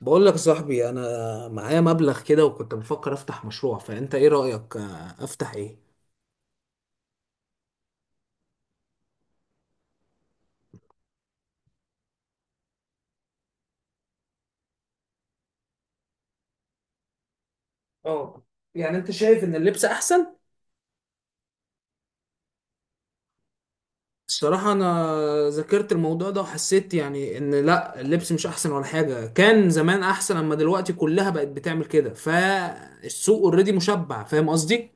بقول لك يا صاحبي، انا معايا مبلغ كده، وكنت بفكر افتح مشروع. فانت ايه رأيك؟ افتح ايه؟ اه. يعني انت شايف ان اللبس احسن؟ الصراحة انا ذاكرت الموضوع ده وحسيت يعني ان لا اللبس مش احسن ولا حاجة. كان زمان احسن، اما دلوقتي كلها بقت بتعمل كده. فالسوق اوريدي مشبع، فاهم قصدي؟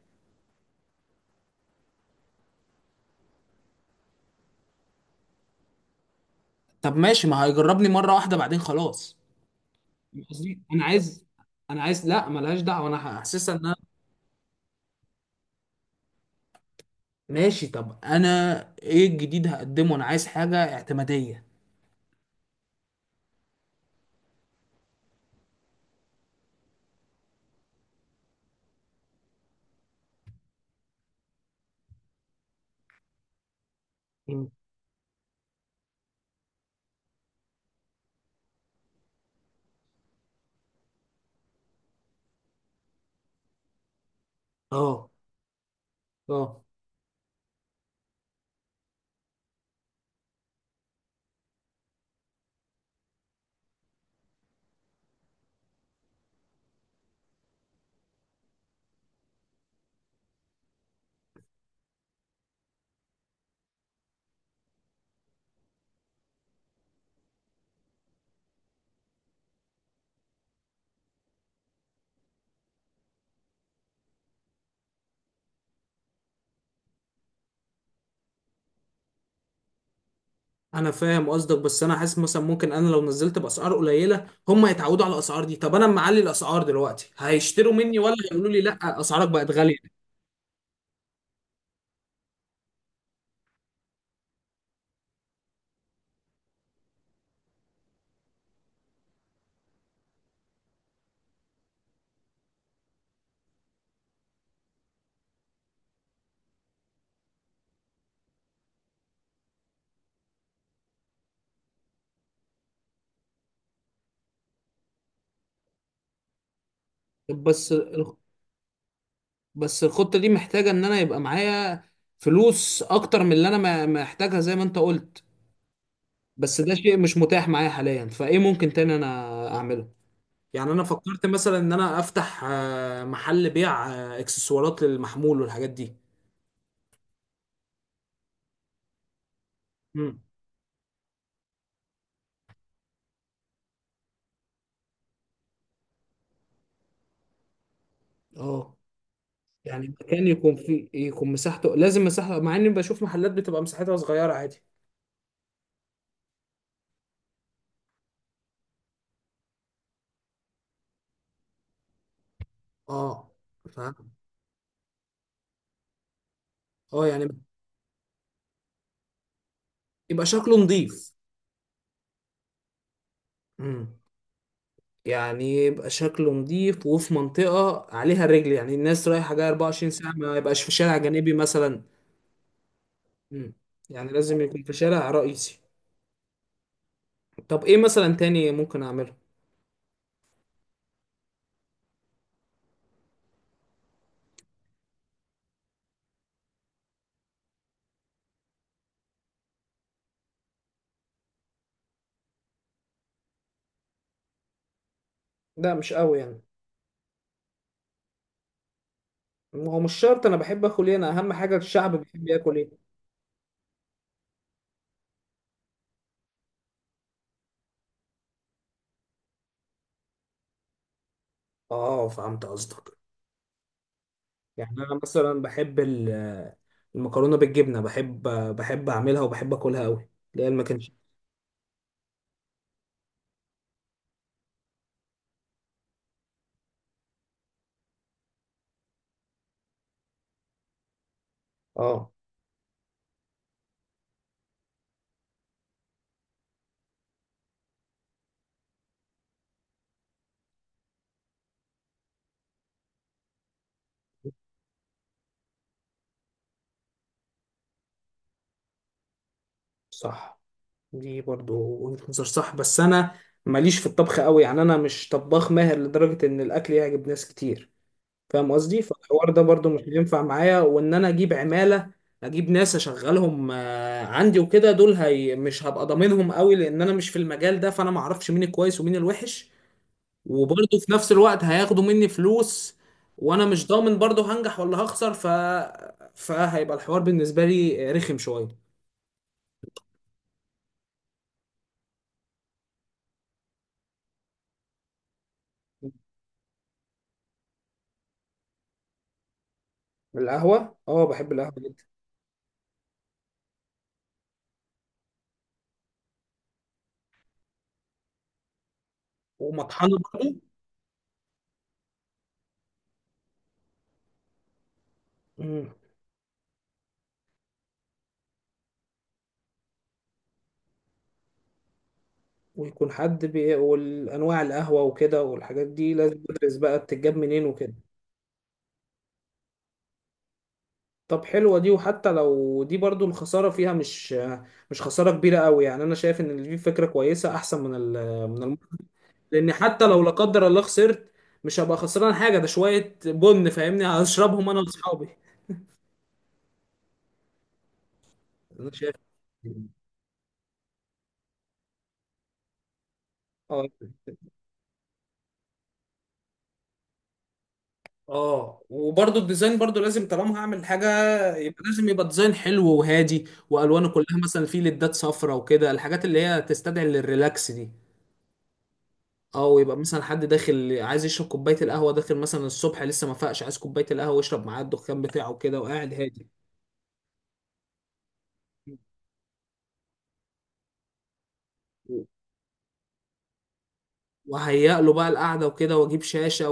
طب ماشي، ما هيجربني مرة واحدة بعدين خلاص. فاهم قصدي. انا عايز، انا عايز لا ملهاش دعوة، انا حاسسها ان. ماشي طب انا. ايه الجديد هقدمه؟ انا عايز حاجه اعتماديه. مم. اه، اه، انا فاهم قصدك، بس انا حاسس مثلا ممكن انا لو نزلت باسعار قليله هم هيتعودوا على الاسعار دي. طب انا أما معلي الاسعار دلوقتي، هيشتروا مني ولا هيقولوا لي لا اسعارك بقت غاليه؟ طب بس الخطة دي محتاجة ان انا يبقى معايا فلوس اكتر من اللي انا محتاجها، زي ما انت قلت. بس ده شيء مش متاح معايا حاليا. فايه ممكن تاني انا اعمله؟ يعني انا فكرت مثلا ان انا افتح محل بيع اكسسوارات للمحمول والحاجات دي. امم، اه. يعني مكان يكون فيه، يكون مساحته لازم مساحة، مع اني بشوف محلات بتبقى مساحتها صغيرة عادي. اه، فاهم. اه، يعني يبقى شكله نظيف. امم يعني يبقى شكله نظيف، وفي منطقة عليها رجل، يعني الناس رايحة جاية 24 ساعة، ما يبقاش في شارع جانبي مثلا. امم يعني لازم يكون في شارع رئيسي. طب ايه مثلا تاني ممكن اعمله؟ لا، مش قوي يعني. هو مش شرط انا بحب اكل ايه، انا اهم حاجه الشعب بيحب ياكل ايه. اه، فهمت قصدك. يعني انا مثلا بحب المكرونه بالجبنه. بحب اعملها وبحب اكلها قوي، اللي هي المكنش. اه، صح. دي برضو وجهة نظر صح، بس انا ماليش في الطبخ قوي. يعني انا مش طباخ ماهر لدرجه ان الاكل يعجب ناس كتير. فاهم قصدي؟ فالحوار ده برضو مش هينفع معايا، وان انا اجيب عماله، اجيب ناس اشغلهم عندي وكده، دول هي مش هبقى ضامنهم قوي لان انا مش في المجال ده، فانا ما اعرفش مين الكويس ومين الوحش. وبرضو في نفس الوقت هياخدوا مني فلوس، وانا مش ضامن برضو هنجح ولا هخسر. فهيبقى الحوار بالنسبه لي رخم شويه. القهوه؟ اه، بحب القهوه جدا. ومطحنه برضو. مم. والانواع القهوه وكده والحاجات دي لازم ادرس بقى بتتجاب منين وكده. طب حلوة دي. وحتى لو دي برضو الخسارة فيها مش خسارة كبيرة قوي، يعني أنا شايف إن دي فكرة كويسة أحسن من ال من الم... لأن حتى لو لا قدر الله خسرت، مش هبقى خسران حاجة، ده شوية بن فاهمني، هشربهم أنا وأصحابي. أنا شايف. اه، اه. وبرضو الديزاين برضو لازم، طالما هعمل حاجه يبقى لازم يبقى ديزاين حلو وهادي، والوانه كلها مثلا فيه ليدات صفرا وكده، الحاجات اللي هي تستدعي للريلاكس دي. او يبقى مثلا حد داخل عايز يشرب كوبايه القهوه، داخل مثلا الصبح لسه ما فاقش، عايز كوبايه القهوه يشرب معاه الدخان بتاعه كده وقاعد هادي. وهيئ له بقى القعده وكده، واجيب شاشه.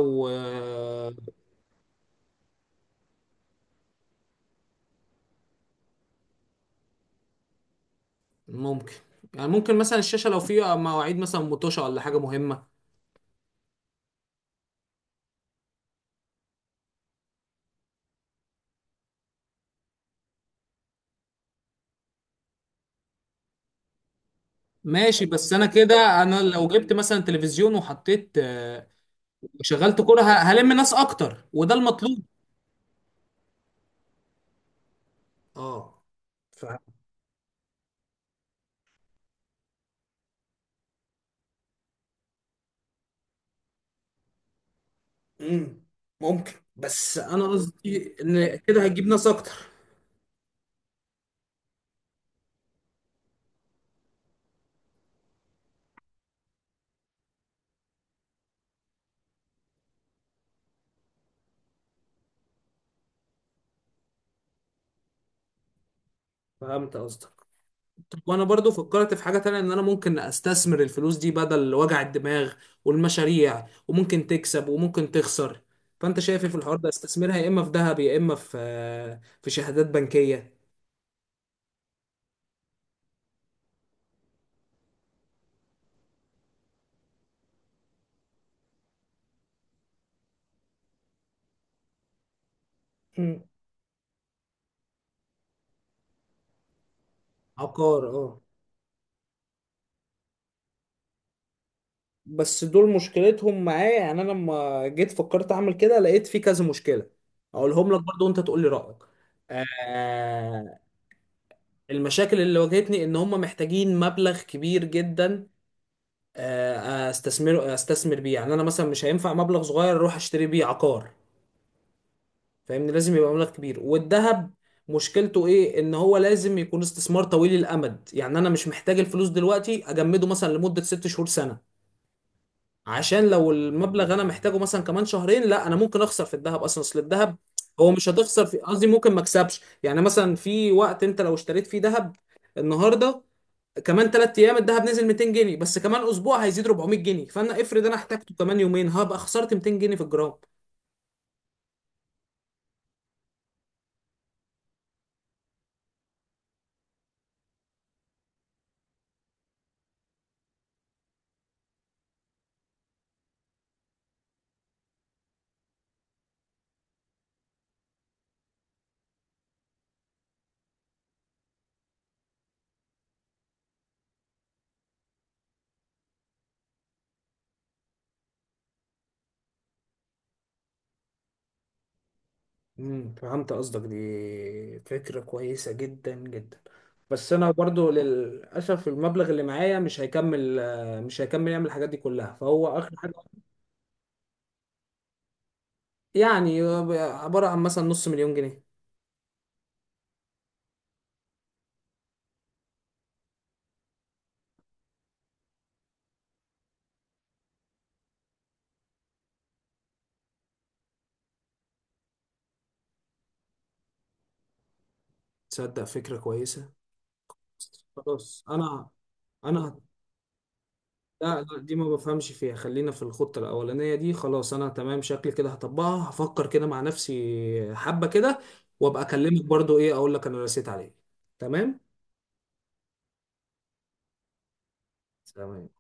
وممكن، يعني ممكن مثلا الشاشه لو فيها مواعيد مثلا متوشه ولا حاجه مهمه. ماشي، بس انا كده، انا لو جبت مثلا تلفزيون وحطيت وشغلت كوره، هلم ناس اكتر، وده المطلوب. اه. ف... مم. ممكن، بس انا قصدي ان كده هتجيب ناس اكتر. فهمت قصدك. طب وانا برضو فكرت في حاجة تانية، ان انا ممكن استثمر الفلوس دي بدل وجع الدماغ والمشاريع، وممكن تكسب وممكن تخسر. فانت شايف إيه في الحوار ده؟ استثمرها يا اما في ذهب يا اما في، شهادات بنكية. مم. عقار، اه. بس دول مشكلتهم معايا. يعني انا لما جيت فكرت اعمل كده لقيت في كذا مشكله. اقولهم لك برضو وانت تقول لي رايك. آه المشاكل اللي واجهتني ان هم محتاجين مبلغ كبير جدا استثمر بيه. يعني انا مثلا مش هينفع مبلغ صغير اروح اشتري بيه عقار. فاهمني، لازم يبقى مبلغ كبير. والذهب مشكلته ايه؟ ان هو لازم يكون استثمار طويل الامد، يعني انا مش محتاج الفلوس دلوقتي اجمده مثلا لمدة 6 شهور، سنة، عشان لو المبلغ انا محتاجه مثلا كمان شهرين، لا، انا ممكن اخسر في الذهب اصلا. اصل الذهب هو مش هتخسر في، قصدي ممكن ما اكسبش. يعني مثلا في وقت انت لو اشتريت فيه ذهب النهارده، كمان 3 ايام الذهب نزل 200 جنيه، بس كمان اسبوع هيزيد 400 جنيه، فانا افرض انا احتاجته كمان يومين هبقى خسرت 200 جنيه في الجرام. فهمت قصدك. دي فكرة كويسة جدا جدا. بس انا برضو للاسف المبلغ اللي معايا مش هيكمل يعمل الحاجات دي كلها، فهو اخر حاجة. يعني عبارة عن مثلا نص مليون جنيه. تصدق فكرة كويسة. خلاص، انا لا، لا، دي ما بفهمش فيها. خلينا في الخطة الأولانية دي خلاص. أنا تمام، شكلي كده هطبقها، هفكر كده مع نفسي حبة كده، وأبقى أكلمك برضو إيه أقول لك أنا رسيت عليه. تمام؟ تمام.